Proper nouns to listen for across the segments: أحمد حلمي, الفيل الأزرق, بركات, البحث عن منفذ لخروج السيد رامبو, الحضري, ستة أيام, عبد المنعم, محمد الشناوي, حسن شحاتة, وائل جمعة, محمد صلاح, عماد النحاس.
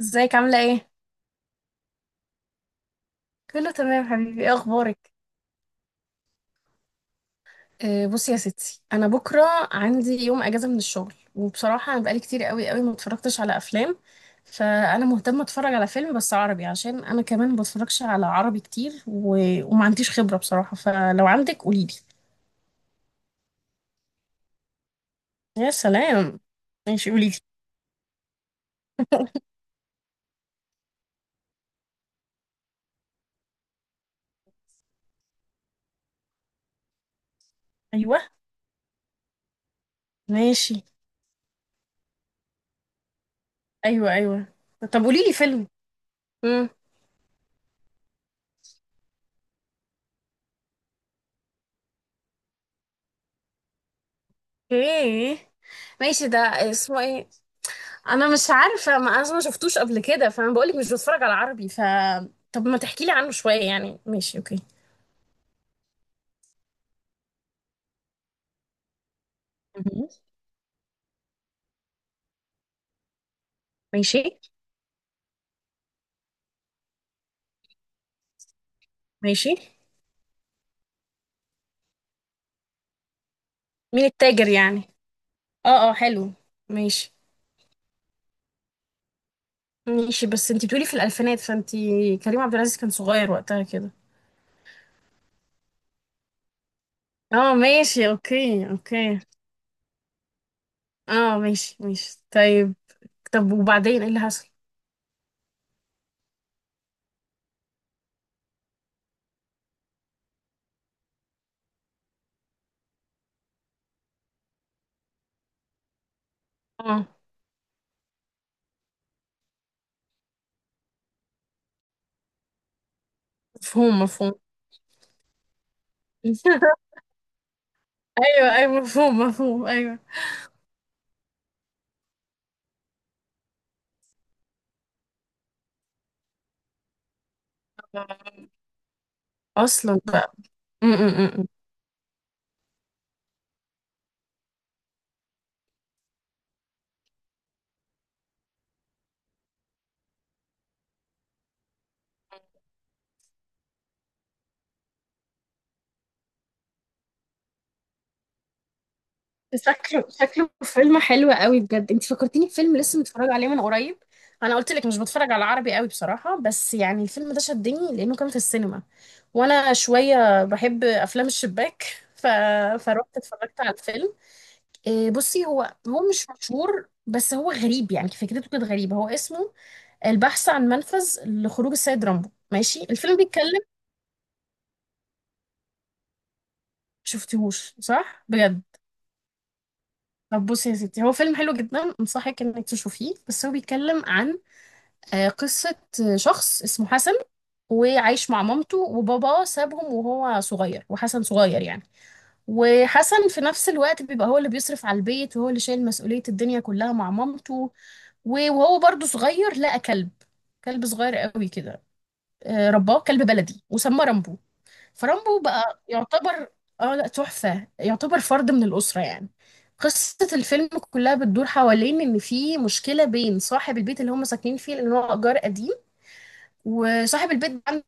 ازيك عاملة ايه؟ كله تمام حبيبي، ايه اخبارك؟ بصي يا ستي، انا بكرة عندي يوم اجازة من الشغل، وبصراحة انا بقالي كتير قوي قوي ما اتفرجتش على افلام. فانا مهتمة اتفرج على فيلم بس عربي، عشان انا كمان ما بتفرجش على عربي كتير وما عنديش خبرة بصراحة، فلو عندك قوليلي. يا سلام. ماشي قوليلي. ايوه، ماشي، ايوه ايوه. طب قوليلي فيلم. امم. ايه. ماشي ده. اسمه ايه؟ انا مش عارفه، ما انا ما شفتوش قبل كده، فانا بقولك مش بتفرج على عربي، طب ما تحكي لي عنه شويه يعني. ماشي اوكي. مهم. ماشي ماشي. مين التاجر يعني؟ اه اه حلو. ماشي ماشي. بس انتي بتقولي في الالفينات، فانتي كريم عبد العزيز كان صغير وقتها كده؟ اه ماشي اوكي اوكي. اه ماشي ماشي طيب. طب وبعدين ايه اللي حصل؟ اه مفهوم مفهوم. ايوه ايوه مفهوم مفهوم ايوه. اصلا بقى. م -م -م. شكله فيلم حلو قوي بجد، انت فكرتيني بفيلم لسه متفرجه عليه من قريب. انا قلت لك مش بتفرج على عربي قوي بصراحه، بس يعني الفيلم ده شدني لانه كان في السينما، وانا شويه بحب افلام الشباك، ف... فروحت اتفرجت على الفيلم. إيه، بصي، هو مش مشهور، بس هو غريب يعني، فكرته كانت غريبه. هو اسمه البحث عن منفذ لخروج السيد رامبو. ماشي الفيلم بيتكلم. شفتيهوش صح بجد؟ طب بصي يا ستي، هو فيلم حلو جدا، انصحك انك تشوفيه، بس هو بيتكلم عن قصة شخص اسمه حسن، وعايش مع مامته، وباباه سابهم وهو صغير، وحسن صغير يعني. وحسن في نفس الوقت بيبقى هو اللي بيصرف على البيت، وهو اللي شايل مسؤولية الدنيا كلها مع مامته. وهو برضه صغير لقى كلب، كلب صغير قوي كده. رباه كلب بلدي وسماه رامبو. فرامبو بقى يعتبر... اه لا، تحفة، يعتبر فرد من الأسرة يعني. قصة الفيلم كلها بتدور حوالين إن في مشكلة بين صاحب البيت اللي هم ساكنين فيه، لأن هو إيجار قديم، وصاحب البيت عنده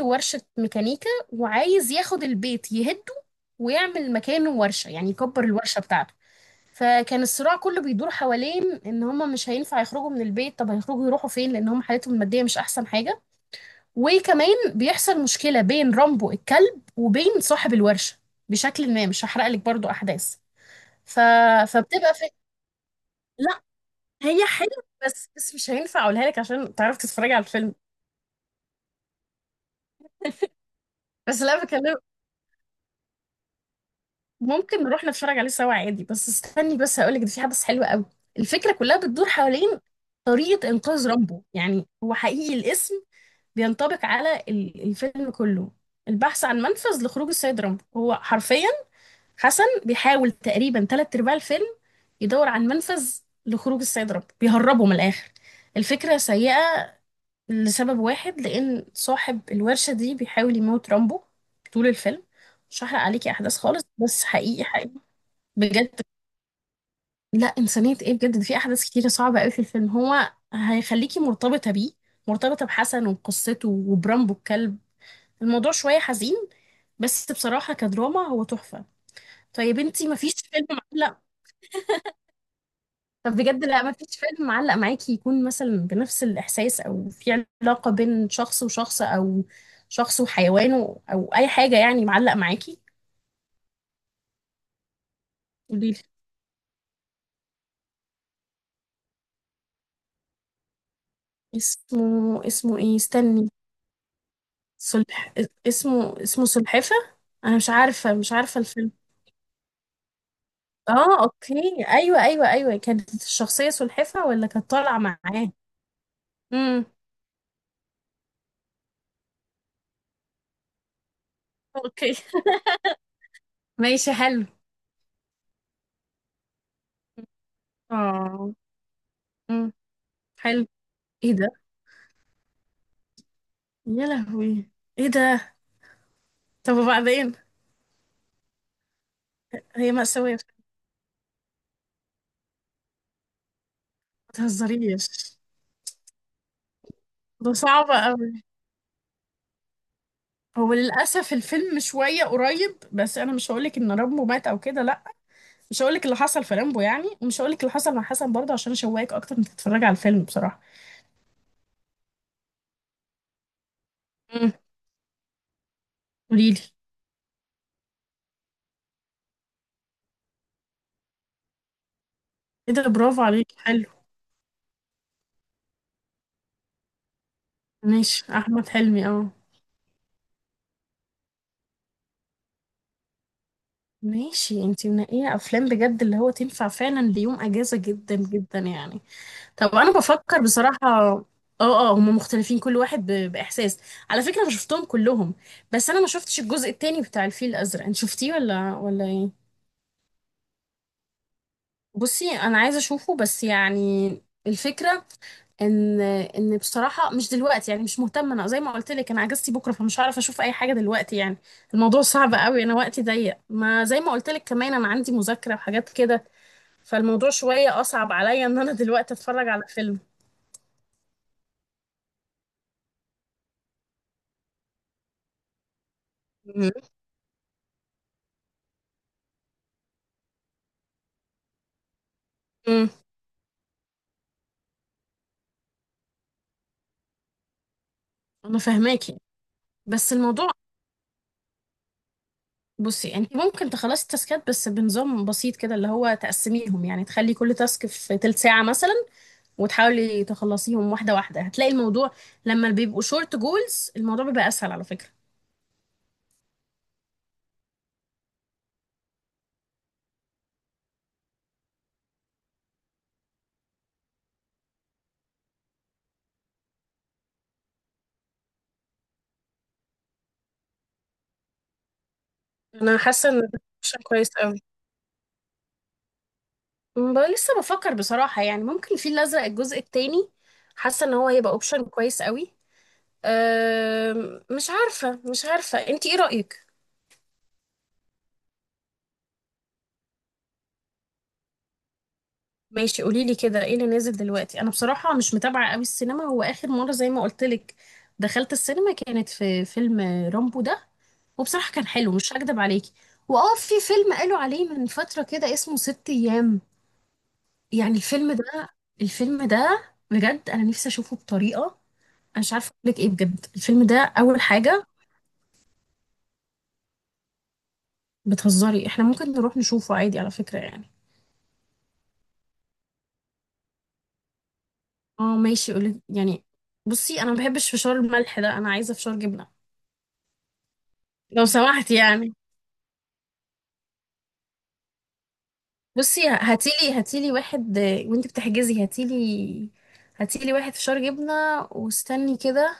ورشة ميكانيكا وعايز ياخد البيت يهده، ويعمل مكانه ورشة، يعني يكبر الورشة بتاعته. فكان الصراع كله بيدور حوالين ان هما مش هينفع يخرجوا من البيت، طب هيخرجوا يروحوا فين، لان هما حالتهم المادية مش احسن حاجة. وكمان بيحصل مشكلة بين رامبو الكلب وبين صاحب الورشة، بشكل ما. مش هحرق لك برضو احداث، ف... فبتبقى في. لا، هي حلوة بس مش هينفع اقولها لك عشان تعرف تتفرجي على الفيلم. بس لا بكلمك، ممكن نروح نتفرج عليه سوا عادي، بس استني بس هقولك ده في حدث حلو قوي. الفكرة كلها بتدور حوالين طريقة إنقاذ رامبو، يعني هو حقيقي الاسم بينطبق على الفيلم كله، البحث عن منفذ لخروج السيد رامبو. هو حرفيا حسن بيحاول تقريبا تلات أرباع الفيلم يدور عن منفذ لخروج السيد رامبو، بيهربه من الآخر. الفكرة سيئة لسبب واحد، لأن صاحب الورشة دي بيحاول يموت رامبو طول الفيلم. مش هحرق عليكي أحداث خالص، بس حقيقي حقيقي بجد. لا إنسانية إيه، بجد ده في أحداث كتيرة صعبة أوي في الفيلم، هو هيخليكي مرتبطة بيه، مرتبطة بحسن وقصته وبرامبو الكلب. الموضوع شوية حزين، بس بصراحة كدراما هو تحفة. طيب انتي مفيش فيلم معلق؟ طب بجد لا، مفيش فيلم معلق معاكي، يكون مثلا بنفس الإحساس، أو في علاقة بين شخص وشخص، أو شخص وحيوانه، أو أي حاجة يعني معلق معاكي. قوليلي. اسمه إيه؟ استني. سلح اسمه سلحفة. أنا مش عارفة مش عارفة الفيلم. اه اوكي، ايوه ايوه ايوه، كانت الشخصية سلحفة ولا كانت طالعة معاه؟ امم. اوكي. ماشي حلو. اه. امم. حلو. ايه ده؟ يا لهوي، ايه ده؟ طب وبعدين؟ هي مأساوية بصراحة. ما تهزريش. ده صعب قوي. هو للأسف الفيلم شوية قريب، بس أنا مش هقولك إن رامبو مات أو كده، لأ. مش هقولك اللي حصل في رامبو يعني، ومش هقولك اللي حصل مع حسن برضه، عشان أشوقك أكتر إنك تتفرجي على الفيلم بصراحة. امم. قوليلي. ايه ده، برافو عليك، حلو. ماشي احمد حلمي اه. ماشي، انتي منقيه افلام بجد اللي هو تنفع فعلا ليوم اجازه، جدا جدا يعني. طب انا بفكر بصراحه اه. اه هما مختلفين، كل واحد باحساس. على فكره انا شفتهم كلهم. بس انا ما شفتش الجزء التاني بتاع الفيل الازرق، انت شفتيه ولا ايه؟ بصي انا عايزه اشوفه بس يعني، الفكره ان بصراحه مش دلوقتي، يعني مش مهتمه. انا زي ما قلت لك انا اجازتي بكره، فمش هعرف اشوف اي حاجه دلوقتي يعني. الموضوع صعب قوي، انا وقتي ضيق ما زي ما قلت لك، كمان انا عندي مذاكره وحاجات كده، فالموضوع شويه اصعب عليا ان انا دلوقتي اتفرج على فيلم. م- م- انا فاهماكي. بس الموضوع. بصي انت ممكن تخلصي التاسكات بس بنظام بسيط كده، اللي هو تقسميهم يعني، تخلي كل تاسك في تلت ساعه مثلا، وتحاولي تخلصيهم واحده واحده، هتلاقي الموضوع لما بيبقوا شورت جولز الموضوع بيبقى اسهل على فكره. انا حاسه ان ده اوبشن كويس قوي. بقى لسه بفكر بصراحه يعني، ممكن الفيل الازرق الجزء التاني، حاسه ان هو هيبقى اوبشن كويس قوي. مش عارفه مش عارفه انت ايه رايك. ماشي قولي لي كده، ايه اللي نازل دلوقتي؟ انا بصراحه مش متابعه قوي السينما، هو اخر مره زي ما قلت لك دخلت السينما كانت في فيلم رامبو ده، وبصراحه كان حلو مش هكدب عليكي. واه في فيلم قالوا عليه من فتره كده اسمه ست ايام، يعني الفيلم ده الفيلم ده بجد انا نفسي اشوفه بطريقه، مش عارفه اقول لك ايه، بجد الفيلم ده اول حاجه. بتهزري؟ احنا ممكن نروح نشوفه عادي على فكره يعني. اه ماشي اقول لك يعني. بصي انا ما بحبش فشار الملح ده، انا عايزه فشار جبنه لو سمحت يعني. بصي هاتيلي هاتيلي واحد، وانت بتحجزي هاتيلي هاتيلي واحد فشار جبنه. واستني كده،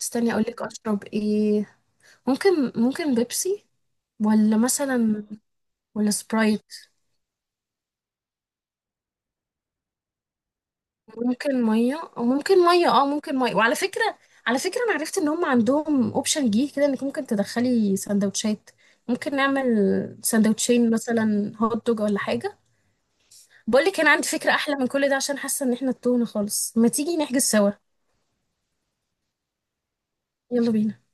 استني اقول لك اشرب ايه. ممكن بيبسي، ولا مثلا، ولا سبرايت؟ ممكن ميه، او ممكن ميه، اه ممكن ميه. وعلى فكره، على فكره انا عرفت ان هم عندهم اوبشن جديد كده انك ممكن تدخلي سندوتشات، ممكن نعمل سندوتشين مثلا هوت دوج ولا حاجه. بقول لك انا عندي فكره احلى من كل ده، عشان حاسه ان احنا تهنا خالص، ما تيجي نحجز سوا؟ يلا بينا.